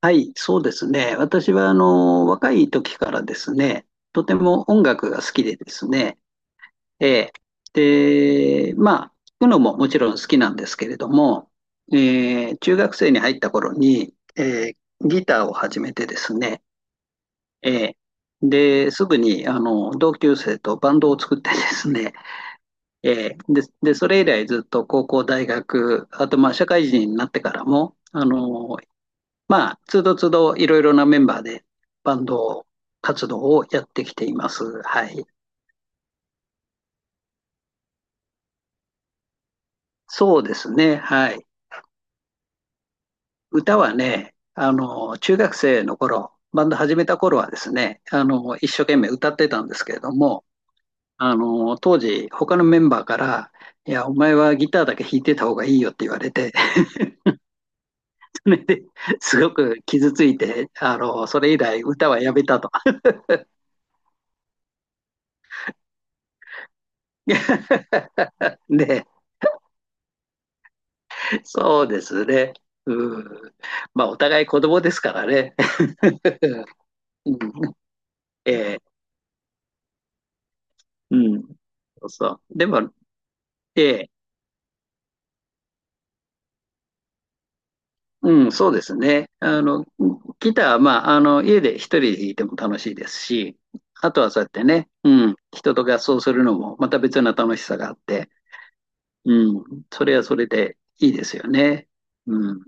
はい、そうですね。私は、若い時からですね、とても音楽が好きでですね、ええで、まあ、聴くのももちろん好きなんですけれども、え中学生に入った頃に、ギターを始めてですね、えーで、すぐに、同級生とバンドを作ってですね、えーで、で、それ以来ずっと高校、大学、あと、まあ、社会人になってからも、まあ、つどつどいろいろなメンバーでバンド活動をやってきています。はい。そうですね。はい。歌はね、中学生の頃、バンド始めた頃はですね、一生懸命歌ってたんですけれども、当時、他のメンバーから、いや、お前はギターだけ弾いてた方がいいよって言われて、それですごく傷ついて、それ以来歌はやめたと。で、そうですね。うん。まあ、お互い子供ですからね。うん。ええ、うん。そうそう。でも、ええ、うん、そうですね。ギターは、まあ、家で一人で弾いても楽しいですし、あとはそうやってね、うん、人と合奏するのもまた別な楽しさがあって、うん、それはそれでいいですよね。うん。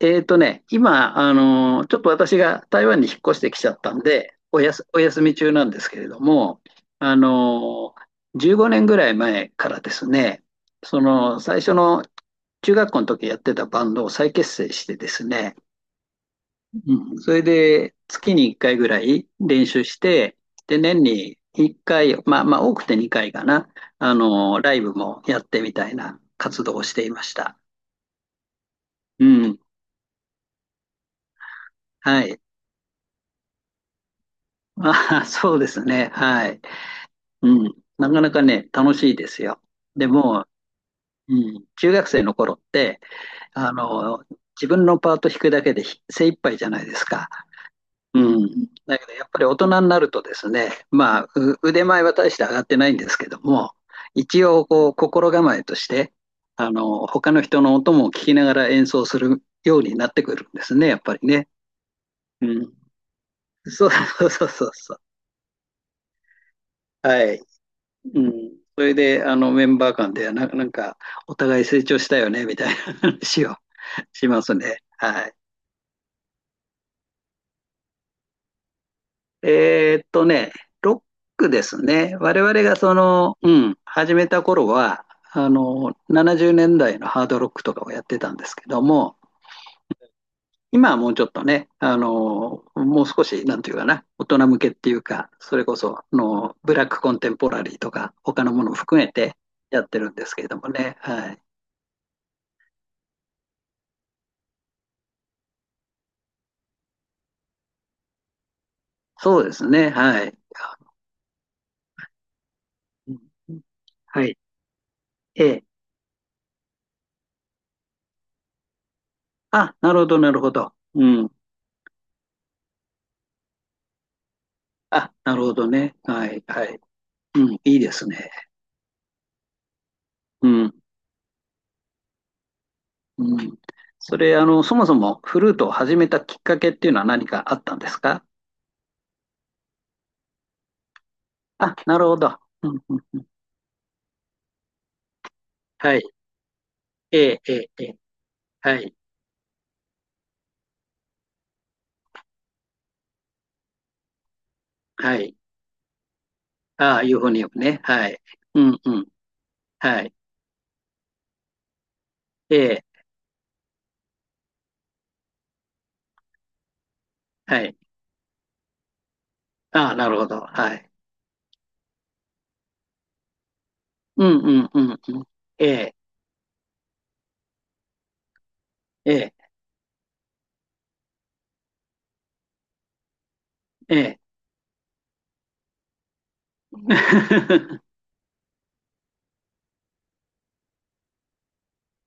今、ちょっと私が台湾に引っ越してきちゃったんで、おやす、お休み中なんですけれども、あの15年ぐらい前からですね、その最初の中学校の時やってたバンドを再結成してですね、うん、それで月に1回ぐらい練習して、で、年に1回、まあまあ多くて2回かな、ライブもやってみたいな活動をしていました。うん。はい。まああ、そうですね。はい。うん。なかなかね、楽しいですよ。でも、うん、中学生の頃って、あの、自分のパート弾くだけで精一杯じゃないですか。うん。だけど、やっぱり大人になるとですね、まあ、腕前は大して上がってないんですけども、一応、こう、心構えとして、他の人の音も聞きながら演奏するようになってくるんですね、やっぱりね。うん。そうそうそうそうそう。はい。うん。それで、メンバー間で、なんか、お互い成長したよね、みたいな話を しますね。はい。えーっとね、ロックですね。我々がその、うん、始めた頃は、70年代のハードロックとかをやってたんですけども、今はもうちょっとね、もう少し、なんていうかな、大人向けっていうか、それこそ、ブラックコンテンポラリーとか、他のものを含めてやってるんですけれどもね。はい。そうですね。はい。うん、はい。ええ。あ、なるほど、なるほど。うん。あ、なるほどね。はい、はい。うん、いいですね。うん、うん。それ、そもそもフルートを始めたきっかけっていうのは何かあったんですか？あ、なるほど。うん、うん。はい。ええ、ええ、ええ。はい、はい。ああ、ユーフォニウムね。はい。うん、うん。はい。ええ、はい。ああ、なるほど。はい。うん、うん、うん、うん。ええ、ええ、ええ。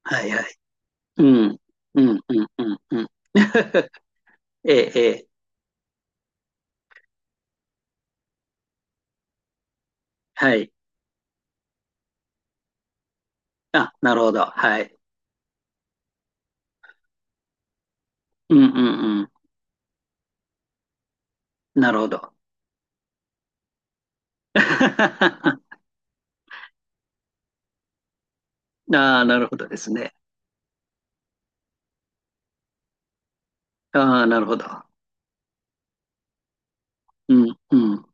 はいはい。うん、うん、うん、うん、うん。ええ、ええ、はい。あ、なるほど。はい。うん、うん、うん。なるほど。ああ、なるほどですね。ああ、なるほど。うん、うん。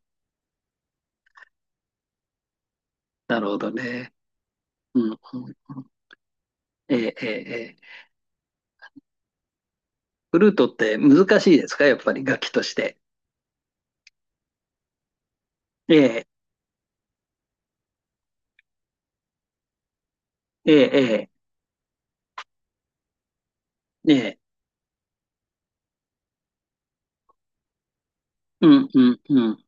なるほどね。うん、うん、うん、ええ、ええ、ええ。フルートって難しいですか、やっぱり楽器として？ええ、ええ、ええ、ええ。うん、うん、うん。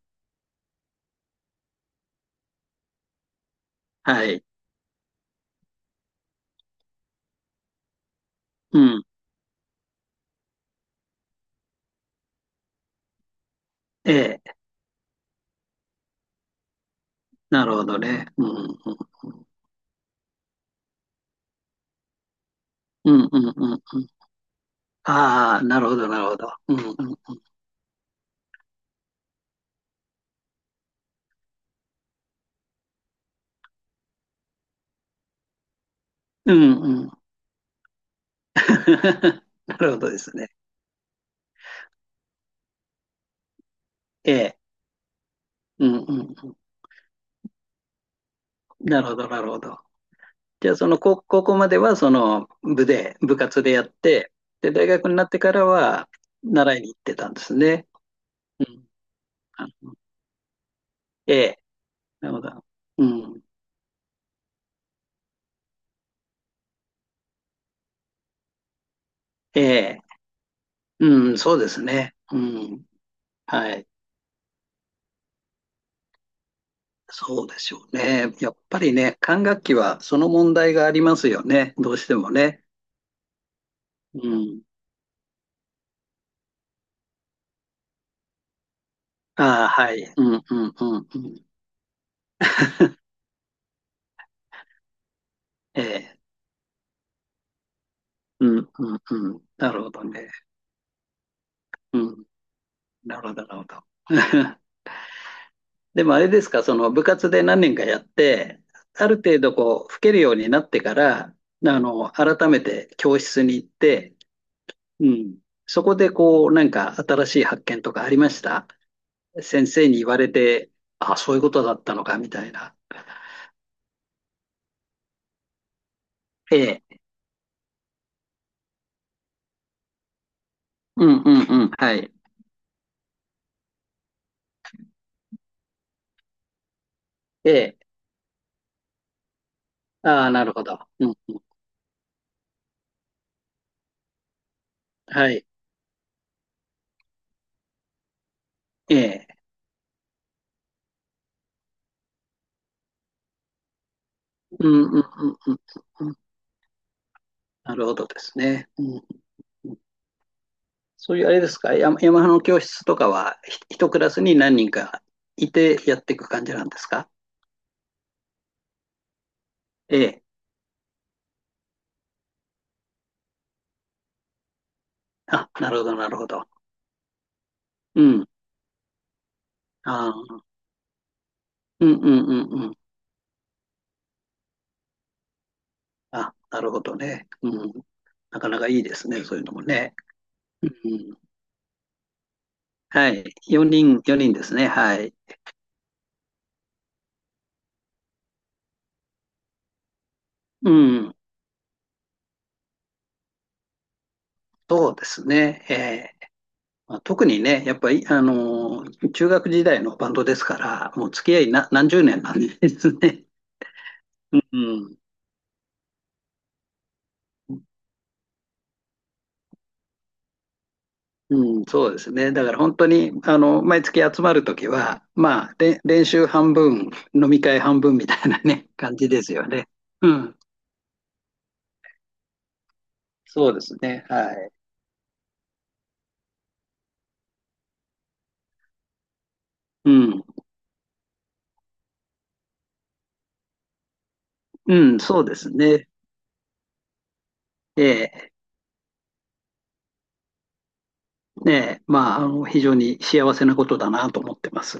はい。うん。ええ、なるほどね。うん、うん、うん。うん、うん、うん。うん、ああ、なるほど、なるほど。うん、うん。うん、うん。なるほどですね。ええ。うん、うん、うん。なるほど、なるほど。じゃあ、その高校までは、その部で、部活でやって、で、大学になってからは、習いに行ってたんですね。うん。あのええ。なるほど。うん。ええ。うん、そうですね。うん。はい。そうでしょうね。やっぱりね、管楽器はその問題がありますよね。どうしてもね。うん。ああ、はい。うん、うん、うん、うん。ええ。うん、うん、うん。なるほどね。うん。なるほど、なるほど。でもあれですか、その部活で何年かやって、ある程度こう、吹けるようになってから、改めて教室に行って、うん。そこでこう、なんか新しい発見とかありました？先生に言われて、あ、そういうことだったのか、みたいな。ええ。うん、うん、うん。はい。ええ。ああ、なるほど。うん。はい。ええ。うん、うん、うん、うん。うん、なるほどですね。うん、そういうあれですか、ヤマハの教室とかは、一クラスに何人かいてやっていく感じなんですか？ええ。あ、なるほど、なるほど。うん。あー、うん、うん、うん、うん。あ、なるほどね。うん。なかなかいいですね、そういうのもね。うん。はい。4人、4人ですね。はい。うん。そうですね。ええ。まあ、特にね、やっぱり、中学時代のバンドですから、もう付き合いな何十年なんですね。うん。うん、そうですね。だから本当に、毎月集まるときは、まあ、練習半分、飲み会半分みたいなね、感じですよね。うん、そうですね。はい。うん、うん、そうですね。ええ、ねえ、まあ、非常に幸せなことだなと思ってます。